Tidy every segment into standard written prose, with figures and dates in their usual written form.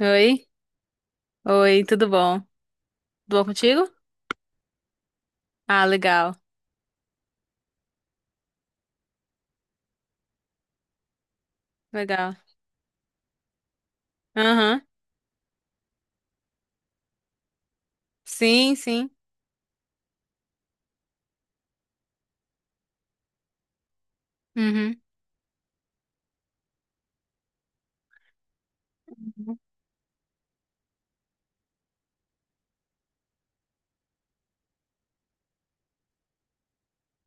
Oi? Oi, tudo bom? Tudo bom contigo? Ah, legal, legal. Aham. Sim, sim. Uhum.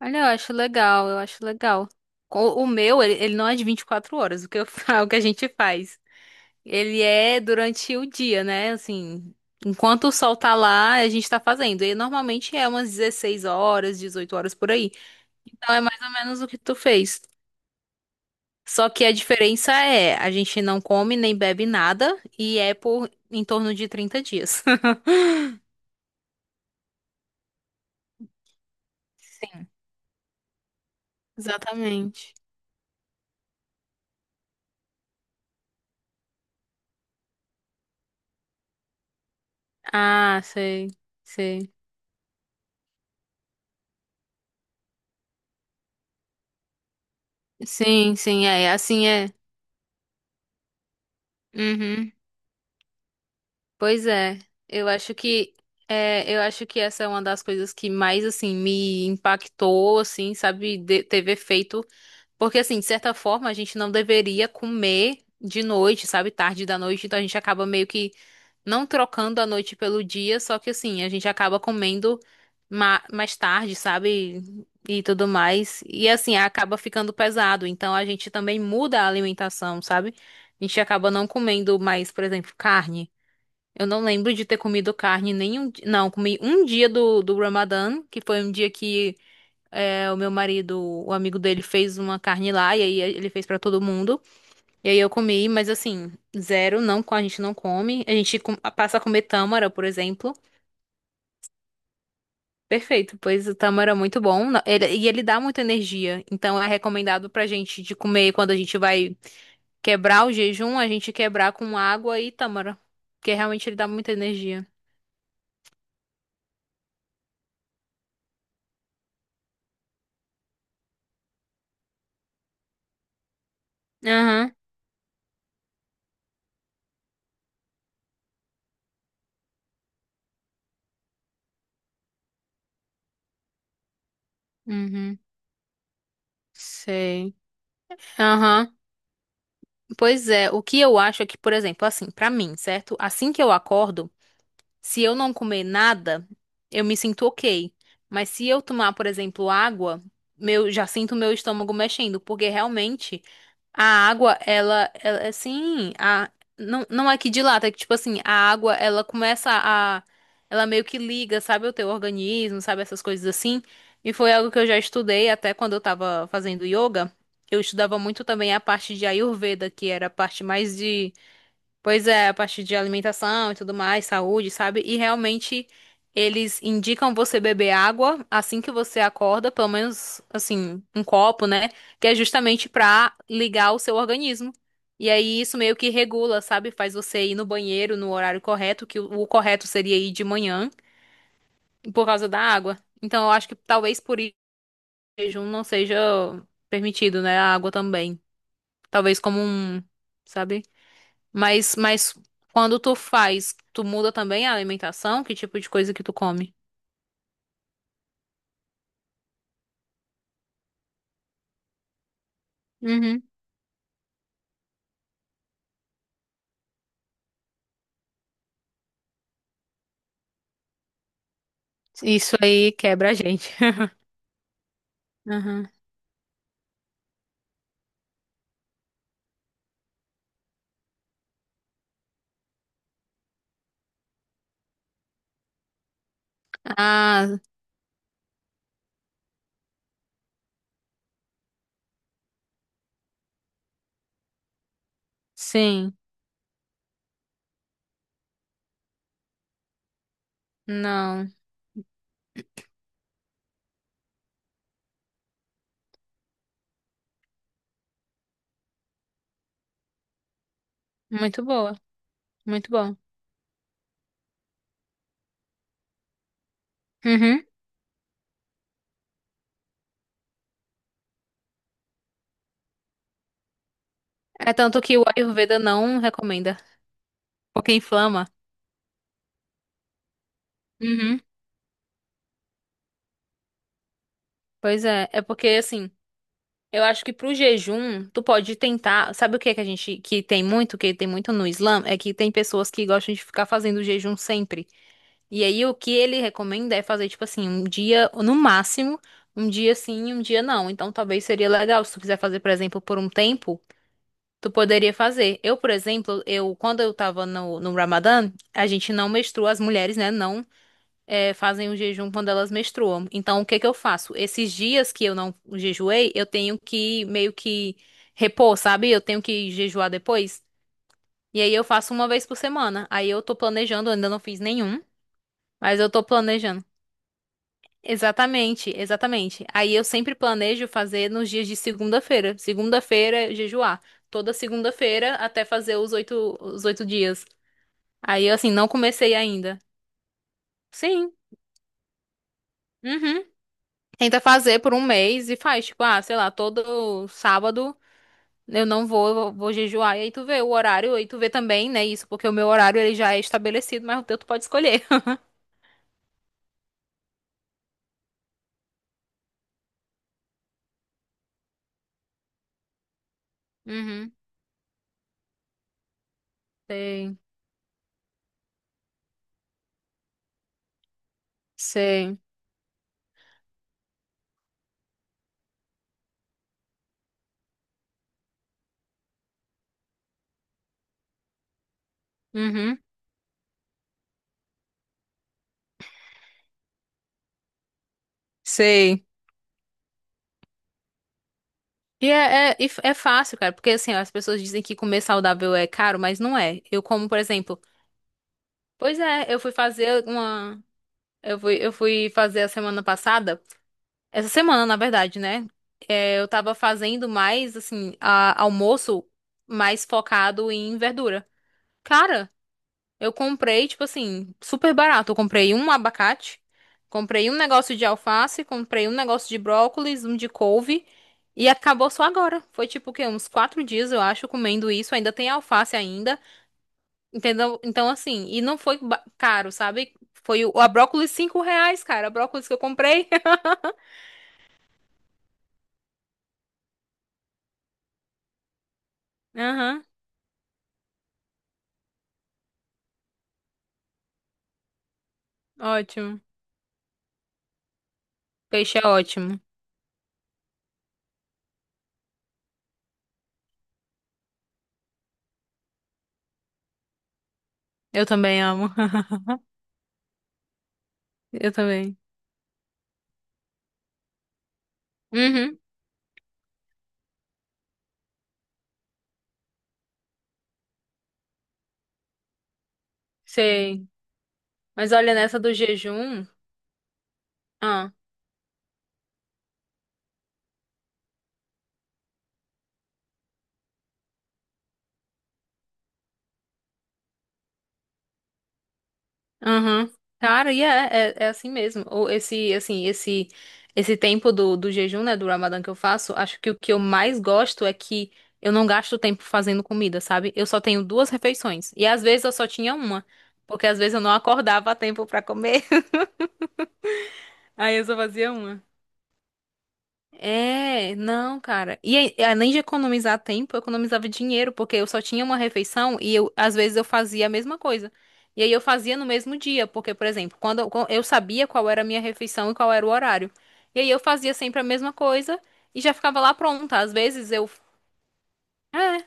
Olha, eu acho legal, eu acho legal. O meu, ele não é de 24 horas, o que o que a gente faz. Ele é durante o dia, né? Assim, enquanto o sol tá lá, a gente tá fazendo. E normalmente é umas 16 horas, 18 horas por aí. Então é mais ou menos o que tu fez. Só que a diferença é, a gente não come nem bebe nada e é por em torno de 30 dias. Sim, exatamente. Ah, sei, sei. Sim, sim, é. Assim é. Uhum. Pois é, eu acho que eu acho que essa é uma das coisas que mais assim me impactou, assim, sabe, teve efeito, porque assim, de certa forma, a gente não deveria comer de noite, sabe, tarde da noite, então a gente acaba meio que não trocando a noite pelo dia, só que assim, a gente acaba comendo mais tarde, sabe? E tudo mais. E assim, acaba ficando pesado. Então a gente também muda a alimentação, sabe? A gente acaba não comendo mais, por exemplo, carne. Eu não lembro de ter comido carne nenhum. Não, comi um dia do Ramadã, que foi um dia que é, o meu marido, o amigo dele, fez uma carne lá, e aí ele fez pra todo mundo. E aí eu comi, mas assim, zero, não, a gente não come. A gente passa a comer tâmara, por exemplo. Perfeito, pois o tâmara é muito bom. E ele dá muita energia. Então é recomendado pra gente de comer quando a gente vai quebrar o jejum, a gente quebrar com água e tâmara. Porque realmente ele dá muita energia. Aham. Uhum. Sei. Aham. Pois é, o que eu acho é que, por exemplo, assim, pra mim, certo? Assim que eu acordo. Se eu não comer nada, eu me sinto ok. Mas se eu tomar, por exemplo, água, meu, já sinto meu estômago mexendo, porque realmente a água, ela é assim, não, não é que dilata, é que tipo assim, a água, ela começa a, ela meio que liga, sabe, o teu organismo, sabe, essas coisas assim. E foi algo que eu já estudei até quando eu tava fazendo yoga. Eu estudava muito também a parte de Ayurveda, que era a parte mais de... Pois é, a partir de alimentação e tudo mais, saúde, sabe? E realmente eles indicam você beber água assim que você acorda, pelo menos assim, um copo, né? Que é justamente pra ligar o seu organismo. E aí isso meio que regula, sabe? Faz você ir no banheiro no horário correto, que o correto seria ir de manhã, por causa da água. Então eu acho que talvez por isso o jejum não seja permitido, né? A água também. Talvez como um, sabe? Mas quando tu faz, tu muda também a alimentação? Que tipo de coisa que tu come? Uhum. Isso aí quebra a gente. Uhum. Ah, sim. Não. Muito boa. Muito bom. Uhum. É tanto que o Ayurveda não recomenda, porque inflama. Uhum. Pois é, é porque assim, eu acho que pro jejum, tu pode tentar, sabe o que é que a gente que tem muito no Islã, é que tem pessoas que gostam de ficar fazendo jejum sempre. E aí o que ele recomenda é fazer, tipo assim, um dia, no máximo, um dia sim, um dia não. Então talvez seria legal, se tu quiser fazer, por exemplo, por um tempo, tu poderia fazer. Eu, por exemplo, eu quando eu tava no Ramadã, a gente não menstrua, as mulheres, né, não fazem o jejum quando elas menstruam. Então o que que eu faço? Esses dias que eu não jejuei, eu tenho que meio que repor, sabe? Eu tenho que jejuar depois. E aí eu faço uma vez por semana. Aí eu tô planejando, eu ainda não fiz nenhum, mas eu tô planejando. Exatamente, exatamente. Aí eu sempre planejo fazer nos dias de segunda-feira. Segunda-feira, é jejuar. Toda segunda-feira até fazer 8 dias. Aí, assim, não comecei ainda. Sim. Uhum. Tenta fazer por um mês e faz, tipo, ah, sei lá, todo sábado eu não vou, eu vou jejuar. E aí tu vê o horário, aí tu vê também, né, isso, porque o meu horário ele já é estabelecido, mas o teu tu pode escolher. Uhum. Sei, sei. Uhum. Sei. E é, é, é fácil, cara, porque assim, ó, as pessoas dizem que comer saudável é caro, mas não é. Eu como, por exemplo, pois é, eu fui fazer uma. Eu fui fazer a semana passada, essa semana, na verdade, né? É, eu tava fazendo mais, assim, almoço mais focado em verdura. Cara, eu comprei, tipo assim, super barato. Eu comprei um abacate, comprei um negócio de alface, comprei um negócio de brócolis, um de couve e acabou só agora. Foi tipo o quê? Uns 4 dias, eu acho, comendo isso. Ainda tem alface ainda, entendeu? Então, assim, e não foi caro, sabe? Foi o, a brócolis R$ 5, cara. A brócolis que eu comprei. Aham, ótimo. Peixe é ótimo. Eu também amo. Eu também. Uhum, sei. Mas olha, nessa do jejum... ah, Aham. Cara, e é assim mesmo. Ou esse, assim, esse tempo do jejum, né, do Ramadã que eu faço, acho que o que eu mais gosto é que eu não gasto tempo fazendo comida, sabe? Eu só tenho duas refeições. E às vezes eu só tinha uma, porque às vezes eu não acordava a tempo pra comer. Aí eu só fazia uma. É, não, cara. E aí, além de economizar tempo, eu economizava dinheiro, porque eu só tinha uma refeição e às vezes eu fazia a mesma coisa. E aí eu fazia no mesmo dia, porque, por exemplo, quando eu sabia qual era a minha refeição e qual era o horário. E aí eu fazia sempre a mesma coisa e já ficava lá pronta. Às vezes eu... É,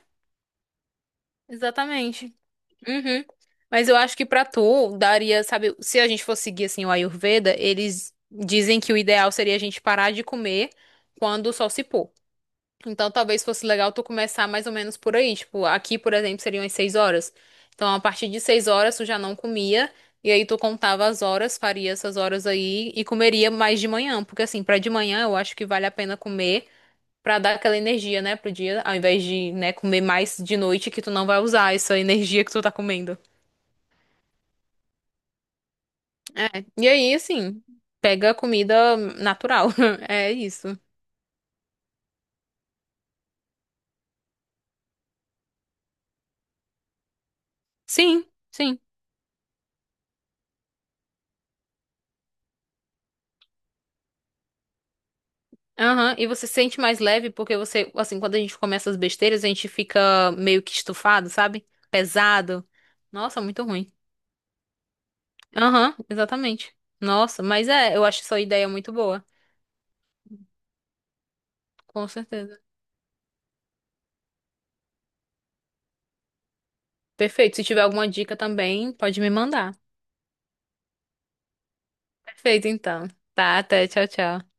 exatamente. Uhum. Mas eu acho que pra tu daria, sabe, se a gente fosse seguir assim o Ayurveda, eles dizem que o ideal seria a gente parar de comer quando o sol se pôr. Então, talvez fosse legal tu começar mais ou menos por aí. Tipo, aqui, por exemplo, seriam as 6 horas. Então, a partir de 6 horas, tu já não comia. E aí, tu contava as horas, faria essas horas aí e comeria mais de manhã. Porque, assim, pra de manhã, eu acho que vale a pena comer pra dar aquela energia, né, pro dia, ao invés de, né, comer mais de noite que tu não vai usar essa energia que tu tá comendo. É. E aí, assim, pega comida natural. É isso. Sim, sim. Aham, e você se sente mais leve porque você, assim, quando a gente come essas besteiras, a gente fica meio que estufado, sabe? Pesado. Nossa, muito ruim. Aham, exatamente. Nossa, mas é, eu acho sua ideia muito boa. Com certeza. Perfeito. Se tiver alguma dica também, pode me mandar. Perfeito, então. Tá, até. Tchau, tchau.